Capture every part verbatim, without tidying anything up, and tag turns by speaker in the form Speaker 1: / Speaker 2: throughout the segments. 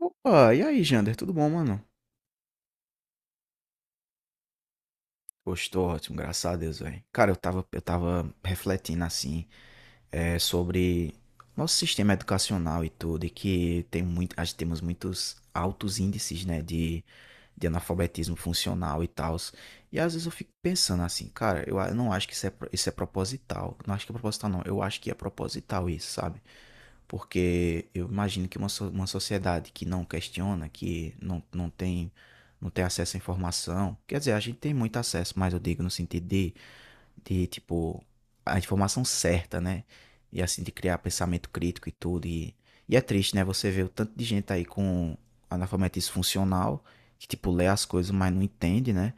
Speaker 1: Opa, e aí, Jander? Tudo bom, mano? Gostou, ótimo, graças a Deus, velho. Cara, eu tava, eu tava refletindo assim, é, sobre nosso sistema educacional e tudo, e que tem muito, acho que temos muitos altos índices, né, de, de analfabetismo funcional e tal. E às vezes eu fico pensando assim, cara, eu, a- eu não acho que isso é, pro- isso é proposital. Não acho que é proposital, não. Eu acho que é proposital isso, sabe? Porque eu imagino que uma, so- uma sociedade que não questiona, que não, não tem, não tem acesso à informação, quer dizer, a gente tem muito acesso, mas eu digo no sentido de de, tipo, a informação certa, né? E assim, de criar pensamento crítico e tudo. E, e é triste, né? Você vê o tanto de gente aí com analfabetismo funcional, que, tipo, lê as coisas, mas não entende, né?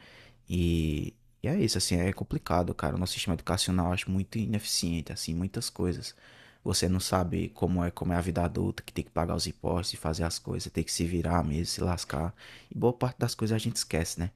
Speaker 1: E, e é isso, assim, é complicado, cara. O nosso sistema educacional eu acho muito ineficiente, assim, muitas coisas. Você não sabe como é, como é a vida adulta, que tem que pagar os impostos e fazer as coisas, tem que se virar mesmo, se lascar. E boa parte das coisas a gente esquece, né?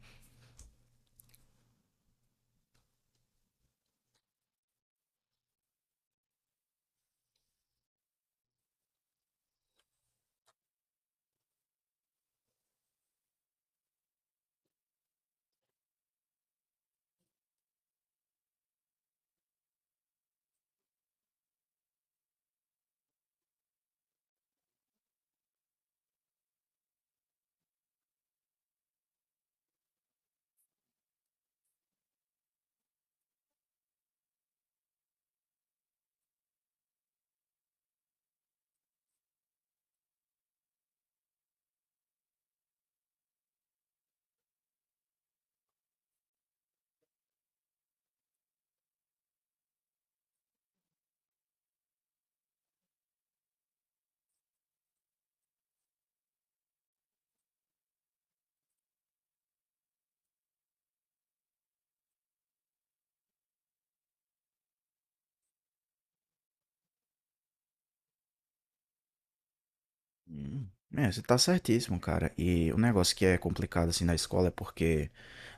Speaker 1: Hum. É, você tá certíssimo, cara. E o negócio que é complicado assim na escola é porque,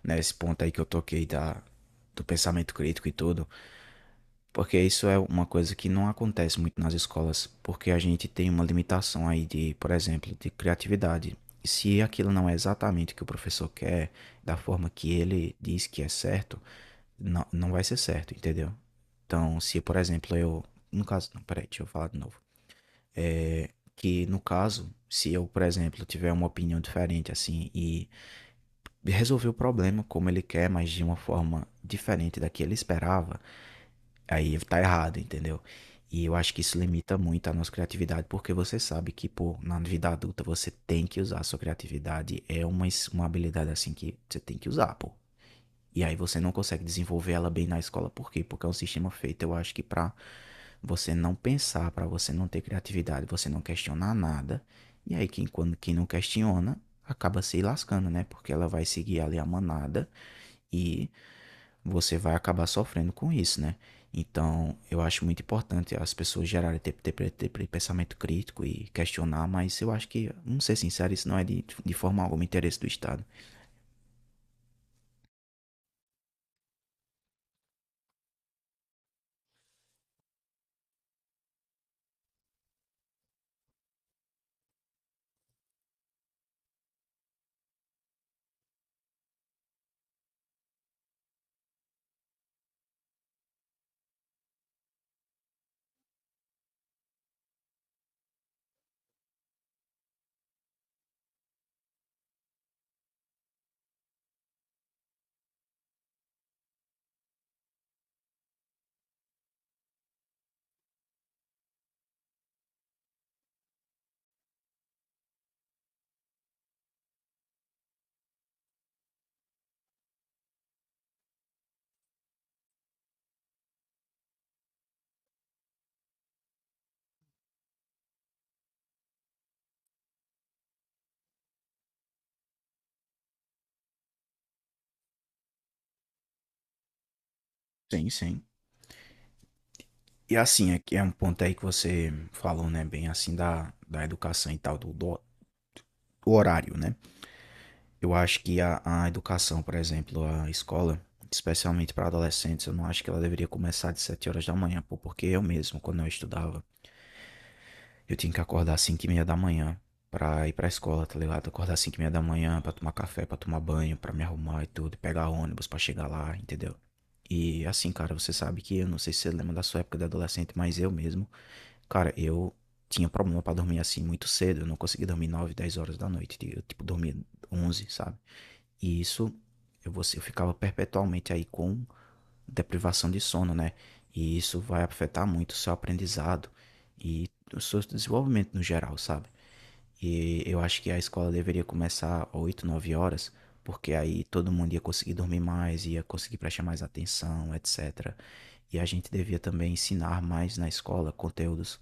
Speaker 1: né, esse ponto aí que eu toquei da, do pensamento crítico e tudo, porque isso é uma coisa que não acontece muito nas escolas, porque a gente tem uma limitação aí de, por exemplo, de criatividade. E se aquilo não é exatamente o que o professor quer, da forma que ele diz que é certo, não, não vai ser certo, entendeu? Então, se, por exemplo, eu. No caso, não, peraí, deixa eu falar de novo é, que no caso, se eu, por exemplo, tiver uma opinião diferente assim e resolver o problema como ele quer, mas de uma forma diferente da que ele esperava, aí tá errado, entendeu? E eu acho que isso limita muito a nossa criatividade, porque você sabe que, pô, na vida adulta você tem que usar a sua criatividade, é uma, es- uma habilidade assim que você tem que usar, pô. E aí você não consegue desenvolver ela bem na escola. Por quê? Porque é um sistema feito, eu acho que pra você não pensar, pra você não ter criatividade, você não questionar nada. E aí quem, quando, quem não questiona acaba se lascando, né? Porque ela vai seguir ali a manada e você vai acabar sofrendo com isso, né? Então, eu acho muito importante as pessoas gerarem ter, ter, ter, ter pensamento crítico e questionar, mas eu acho que, vamos ser sinceros, isso não é de, de forma alguma interesse do Estado. Sim, sim. E assim, é, que é um ponto aí que você falou, né, bem assim da, da educação e tal, do, do- do horário, né? Eu acho que a, a educação, por exemplo, a escola, especialmente para adolescentes, eu não acho que ela deveria começar de sete horas da manhã, pô, porque eu mesmo, quando eu estudava, eu tinha que acordar às cinco e meia da manhã pra ir pra escola, tá ligado? Acordar às cinco e meia da manhã pra tomar café, pra tomar banho, pra me arrumar e tudo, pegar ônibus pra chegar lá, entendeu? E assim, cara, você sabe que eu não sei se você lembra da sua época de adolescente, mas eu mesmo. Cara, eu tinha problema pra dormir assim muito cedo. Eu não conseguia dormir nove dez horas da noite. Eu, tipo, dormia onze, sabe? E isso, eu, você, eu ficava perpetualmente aí com deprivação de sono, né? E isso vai afetar muito o seu aprendizado e o seu desenvolvimento no geral, sabe? E eu acho que a escola deveria começar oito nove horas, porque aí todo mundo ia conseguir dormir mais, ia conseguir prestar mais atenção, et cetera. E a gente devia também ensinar mais na escola conteúdos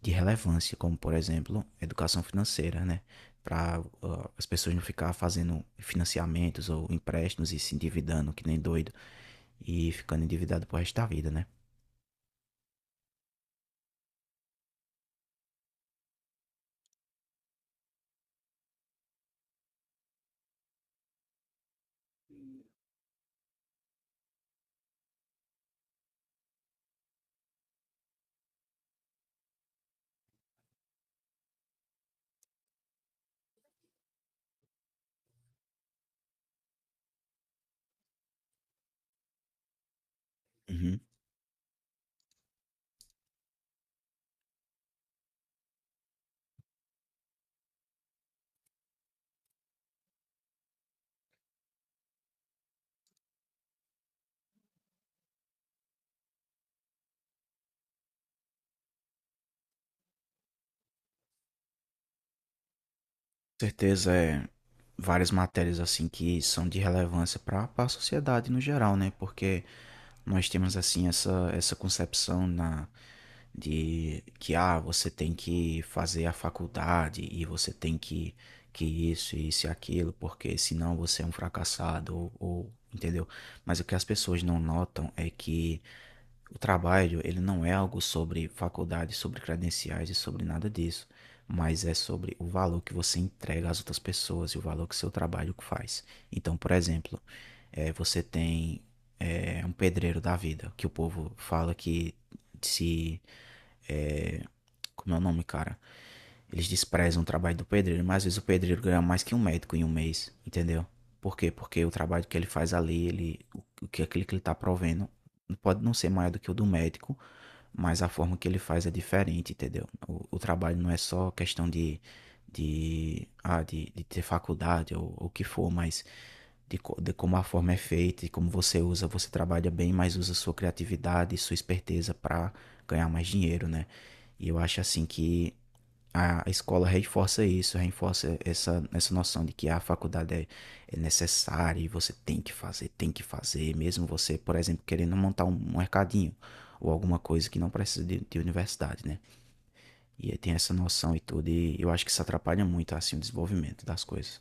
Speaker 1: de relevância, como por exemplo, educação financeira, né? Para uh, as pessoas não ficar fazendo financiamentos ou empréstimos e se endividando que nem doido e ficando endividado pro resto da vida, né? Uhum. Certeza, é várias matérias assim que são de relevância para a sociedade no geral, né? Porque nós temos assim essa essa concepção na de que ah, você tem que fazer a faculdade e você tem que que isso e isso e aquilo, porque senão você é um fracassado, ou, ou entendeu? Mas o que as pessoas não notam é que o trabalho, ele não é algo sobre faculdade, sobre credenciais e sobre nada disso, mas é sobre o valor que você entrega às outras pessoas e o valor que seu trabalho faz. Então, por exemplo, eh, você tem eh, um pedreiro da vida, que o povo fala que se. eh, Como é o nome, cara? Eles desprezam o trabalho do pedreiro, mas às vezes o pedreiro ganha mais que um médico em um mês, entendeu? Por quê? Porque o trabalho que ele faz ali, ele, o que aquilo que ele está provendo pode não ser maior do que o do médico, mas a forma que ele faz é diferente, entendeu? O, o trabalho não é só questão de, de, ah, de, de ter faculdade ou o que for, mas de, co- de como a forma é feita e como você usa, você trabalha bem, mas usa sua criatividade e sua esperteza para ganhar mais dinheiro, né? E eu acho assim que a escola reforça isso, reforça essa, essa noção de que a faculdade é, é necessária e você tem que fazer, tem que fazer, mesmo você, por exemplo, querendo montar um mercadinho ou alguma coisa que não precisa de, de universidade, né? E aí tem essa noção e tudo, e eu acho que isso atrapalha muito, assim, o desenvolvimento das coisas.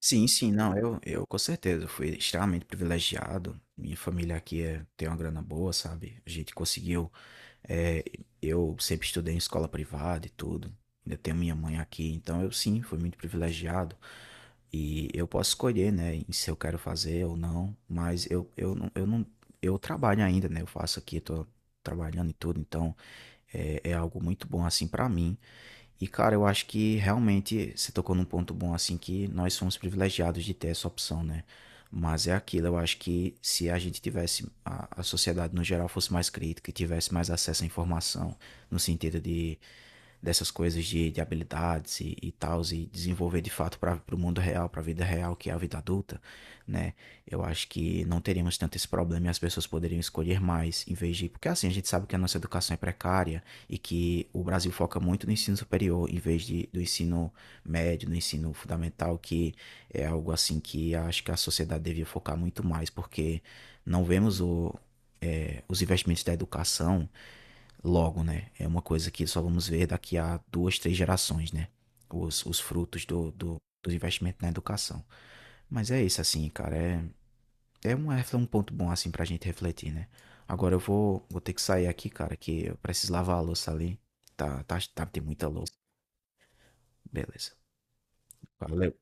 Speaker 1: Sim, sim, não, eu, eu com certeza fui extremamente privilegiado. Minha família aqui é, tem uma grana boa, sabe? A gente conseguiu. é, eu sempre estudei em escola privada e tudo. Ainda tenho minha mãe aqui, então eu sim fui muito privilegiado. E eu posso escolher, né, em se eu quero fazer ou não, mas eu, eu, não- eu não. Eu trabalho ainda, né? Eu faço aqui, tô trabalhando e tudo, então é, é algo muito bom assim pra mim. E, cara, eu acho que realmente você tocou num ponto bom, assim, que nós somos privilegiados de ter essa opção, né? Mas é aquilo, eu acho que se a gente tivesse, a, a sociedade no geral fosse mais crítica e tivesse mais acesso à informação, no sentido de dessas coisas de, de habilidades e, e tal, e desenvolver de fato para o mundo real, para a vida real, que é a vida adulta, né? Eu acho que não teríamos tanto esse problema e as pessoas poderiam escolher mais em vez de. Porque assim, a gente sabe que a nossa educação é precária, e que o Brasil foca muito no ensino superior em vez de, do ensino médio, no ensino fundamental, que é algo assim que acho que a sociedade devia focar muito mais, porque não vemos o, é, os investimentos da educação logo, né? É uma coisa que só vamos ver daqui a duas, três gerações, né? Os, os frutos do, do, do investimento na educação. Mas é isso, assim, cara. É, é um, é um ponto bom assim pra gente refletir, né? Agora eu vou, vou ter que sair aqui, cara, que eu preciso lavar a louça ali. Tá, tá, tá, tem muita louça. Beleza. Valeu.